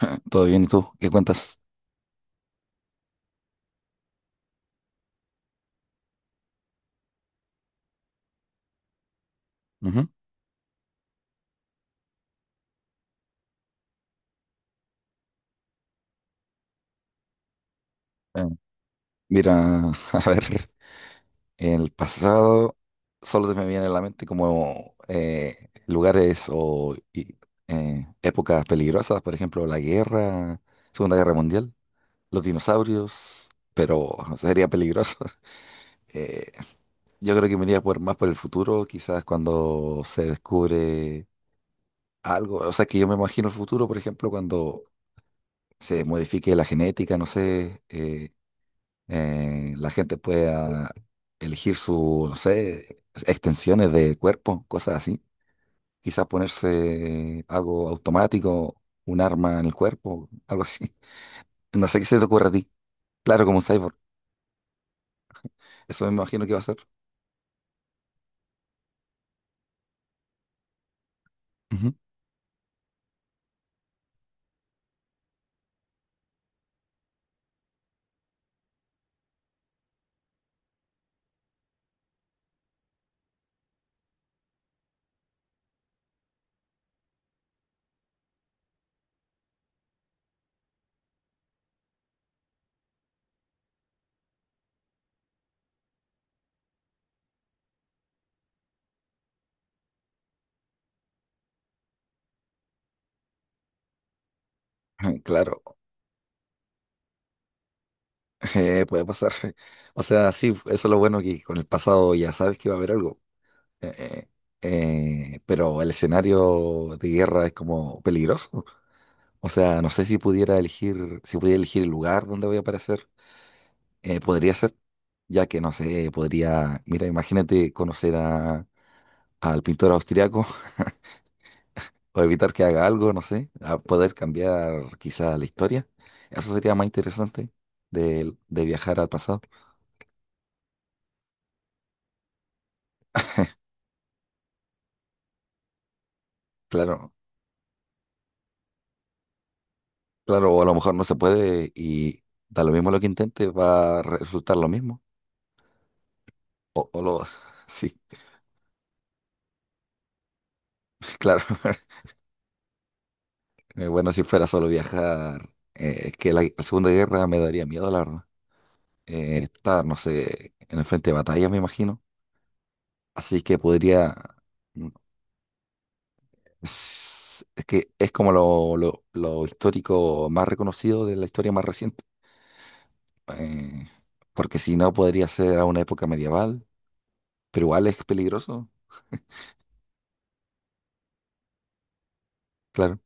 Todo bien, ¿y tú? ¿Qué cuentas? Ujú. Eh, mira, a ver, el pasado solo se me viene a la mente como lugares, épocas peligrosas, por ejemplo, la guerra, Segunda Guerra Mundial, los dinosaurios, pero sería peligroso. Eh, yo creo que me iría por, más por el futuro, quizás cuando se descubre algo, o sea, que yo me imagino el futuro, por ejemplo, cuando se modifique la genética, no sé. La gente pueda elegir su, no sé, extensiones de cuerpo, cosas así. Quizás ponerse algo automático, un arma en el cuerpo, algo así. No sé qué se te ocurre a ti. Claro, como un cyborg. Eso me imagino que va a ser. Ujú. Claro, puede pasar. O sea, sí, eso es lo bueno que con el pasado ya sabes que va a haber algo. Eh, pero el escenario de guerra es como peligroso. O sea, no sé si pudiera elegir el lugar donde voy a aparecer, podría ser, ya que no sé, podría, mira, imagínate conocer al pintor austriaco o evitar que haga algo, no sé, a poder cambiar quizá la historia. Eso sería más interesante de viajar al pasado. Claro, claro, o a lo mejor no se puede y da lo mismo lo que intente, va a resultar lo mismo. O, o lo, sí, claro. Bueno, si fuera solo viajar, es que la Segunda Guerra me daría miedo, la verdad. Estar, no sé, en el frente de batalla, me imagino. Así que podría. Mm, Es, es que es como lo histórico más reconocido de la historia más reciente. Eh, porque si no, podría ser a una época medieval, pero igual es peligroso, claro.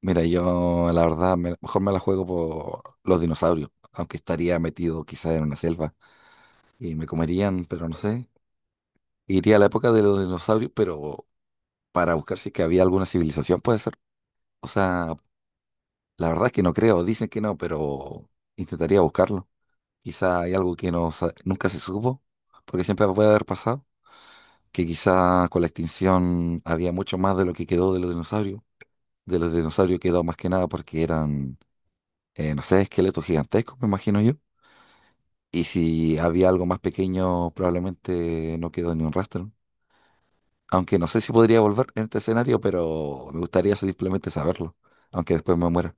Mira, yo la verdad mejor me la juego por los dinosaurios, aunque estaría metido quizá en una selva y me comerían, pero no sé. Iría a la época de los dinosaurios, pero para buscar si es que había alguna civilización, puede ser. O sea, la verdad es que no creo, dicen que no, pero intentaría buscarlo. Quizá hay algo que no, nunca se supo, porque siempre puede haber pasado, que quizá con la extinción había mucho más de lo que quedó de los dinosaurios. De los dinosaurios quedó más que nada porque eran, no sé, esqueletos gigantescos, me imagino yo. Y si había algo más pequeño, probablemente no quedó ni un rastro. Aunque no sé si podría volver en este escenario, pero me gustaría simplemente saberlo, aunque después me muera.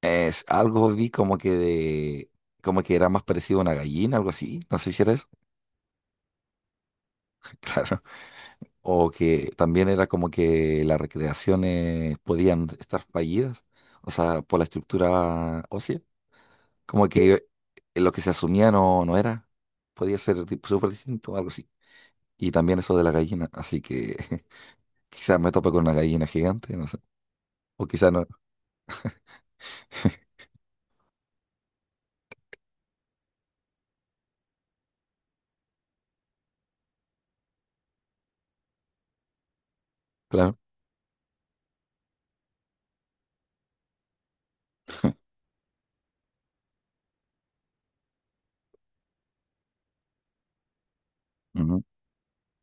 Es algo vi como que de, como que era más parecido a una gallina, algo así, no sé si era eso, claro. O que también era como que las recreaciones podían estar fallidas, o sea, por la estructura ósea, como que lo que se asumía no, no era, podía ser tipo súper distinto, algo así. Y también eso de la gallina, así que quizás me tope con una gallina gigante, no sé, o quizás no, claro. Ujú.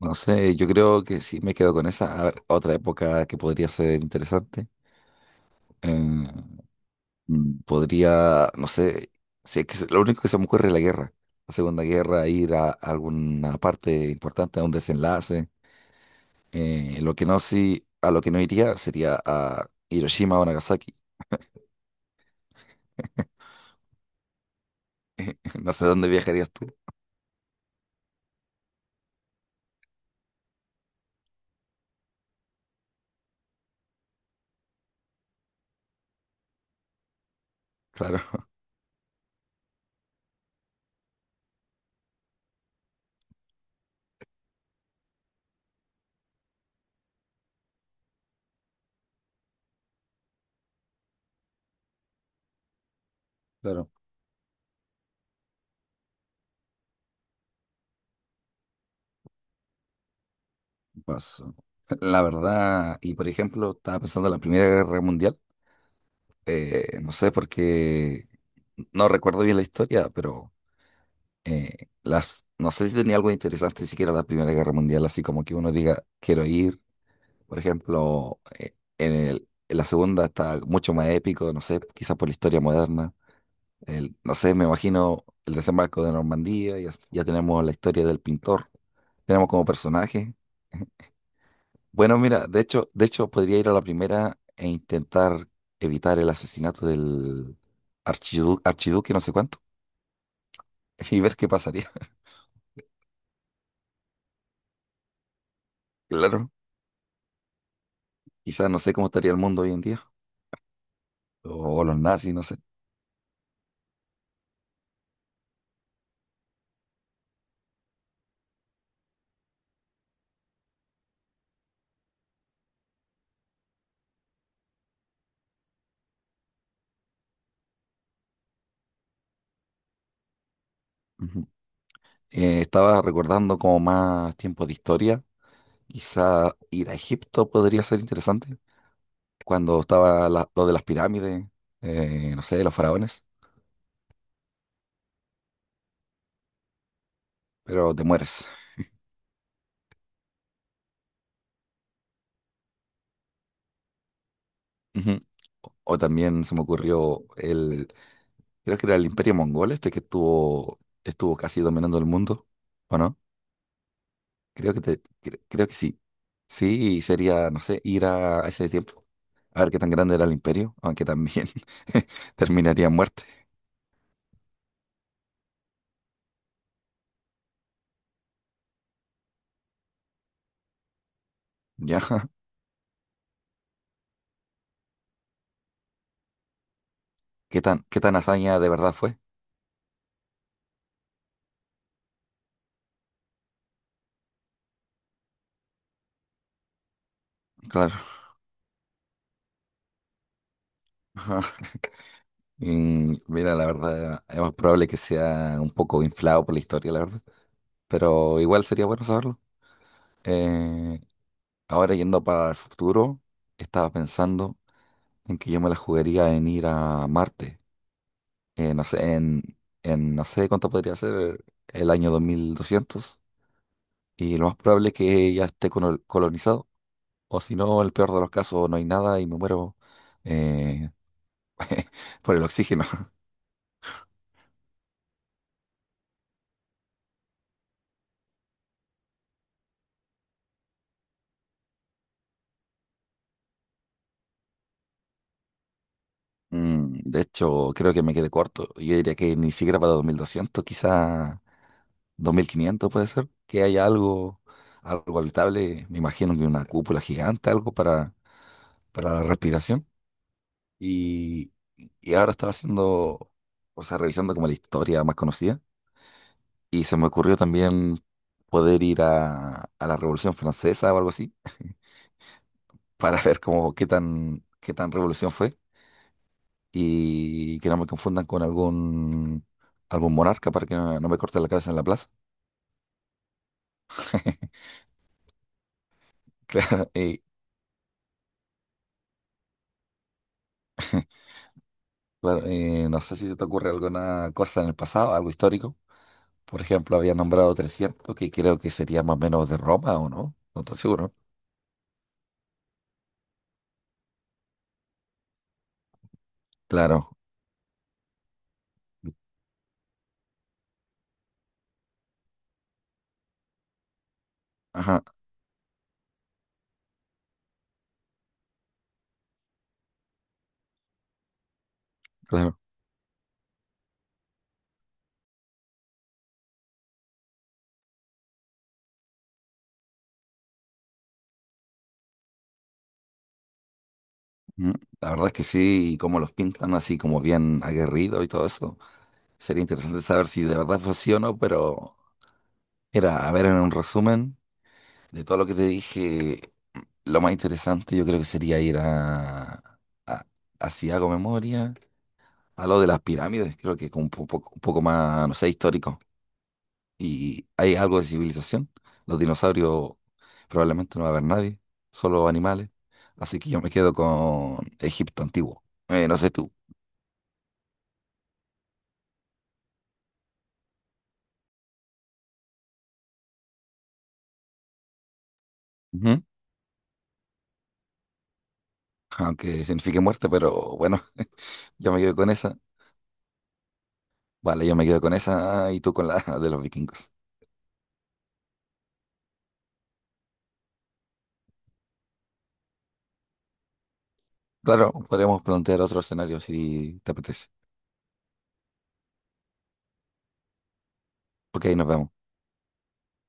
No sé, yo creo que sí me quedo con esa. A ver, otra época que podría ser interesante. eh, podría, no sé, si es que lo único que se me ocurre es la guerra. La Segunda Guerra, ir a alguna parte importante, a un desenlace. Lo que no, sí, a lo que no iría sería a Hiroshima o Nagasaki. No sé dónde viajarías tú. Claro, claro. Paso. La verdad, y por ejemplo, estaba pensando en la Primera Guerra Mundial. No sé por qué, no recuerdo bien la historia, pero no sé si tenía algo interesante siquiera la Primera Guerra Mundial, así como que uno diga, quiero ir, por ejemplo, en la segunda está mucho más épico, no sé, quizás por la historia moderna, no sé, me imagino el desembarco de Normandía, ya, ya tenemos la historia del pintor, tenemos como personaje. Bueno, mira, de hecho podría ir a la primera e intentar evitar el asesinato del archiduque, no sé cuánto, y ver qué pasaría. Claro, quizás no sé cómo estaría el mundo hoy en día, o los nazis, no sé. Ujú. Estaba recordando como más tiempos de historia, quizá ir a Egipto podría ser interesante, cuando estaba lo de las pirámides, no sé, los faraones, pero te mueres. Ujú. O también se me ocurrió. Creo que era el Imperio Mongol este que estuvo casi dominando el mundo, ¿o no? Creo que creo que sí. Sí, sería, no sé, ir a ese tiempo, a ver qué tan grande era el imperio, aunque también terminaría en muerte, ¿ya? ¿Qué tan hazaña de verdad fue? Claro. Ajá. Y mira, la verdad, es más probable que sea un poco inflado por la historia, la verdad, pero igual sería bueno saberlo. Eh, ahora yendo para el futuro, estaba pensando en que yo me la jugaría en ir a Marte. No sé, en no sé cuánto podría ser el año 2200. Y lo más probable es que ya esté colonizado. O si no, el peor de los casos, no hay nada y me muero eh, por el oxígeno. De hecho, creo que me quedé corto. Yo diría que ni siquiera para 2200, quizá 2500 puede ser. Que haya algo, algo habitable. Me imagino que una cúpula gigante, algo para, la respiración. Y, y ahora estaba haciendo, o sea, revisando como la historia más conocida. Y se me ocurrió también poder ir a la Revolución Francesa o algo así, para ver cómo qué tan revolución fue. Y que no me confundan con algún monarca para que no, no me corten la cabeza en la plaza. Claro, claro, no sé si se te ocurre alguna cosa en el pasado, algo histórico. Por ejemplo, había nombrado 300 que creo que sería más o menos de Roma, ¿o no? No estoy seguro. Claro. Ajá, claro. Mm, La verdad es que sí, y cómo los pintan así como bien aguerrido y todo eso. Sería interesante saber si de verdad fue así o no, pero a ver, en un resumen de todo lo que te dije, lo más interesante yo creo que sería ir a, a si hago memoria, a lo de las pirámides, creo que con un poco más, no sé, histórico. Y hay algo de civilización. Los dinosaurios probablemente no va a haber nadie, solo animales. Así que yo me quedo con Egipto antiguo. No sé tú. Ujú. Aunque signifique muerte, pero bueno, yo me quedo con esa. Vale, yo me quedo con esa y tú con la de los vikingos. Claro, podríamos plantear otro escenario si te apetece. Ok, nos vemos.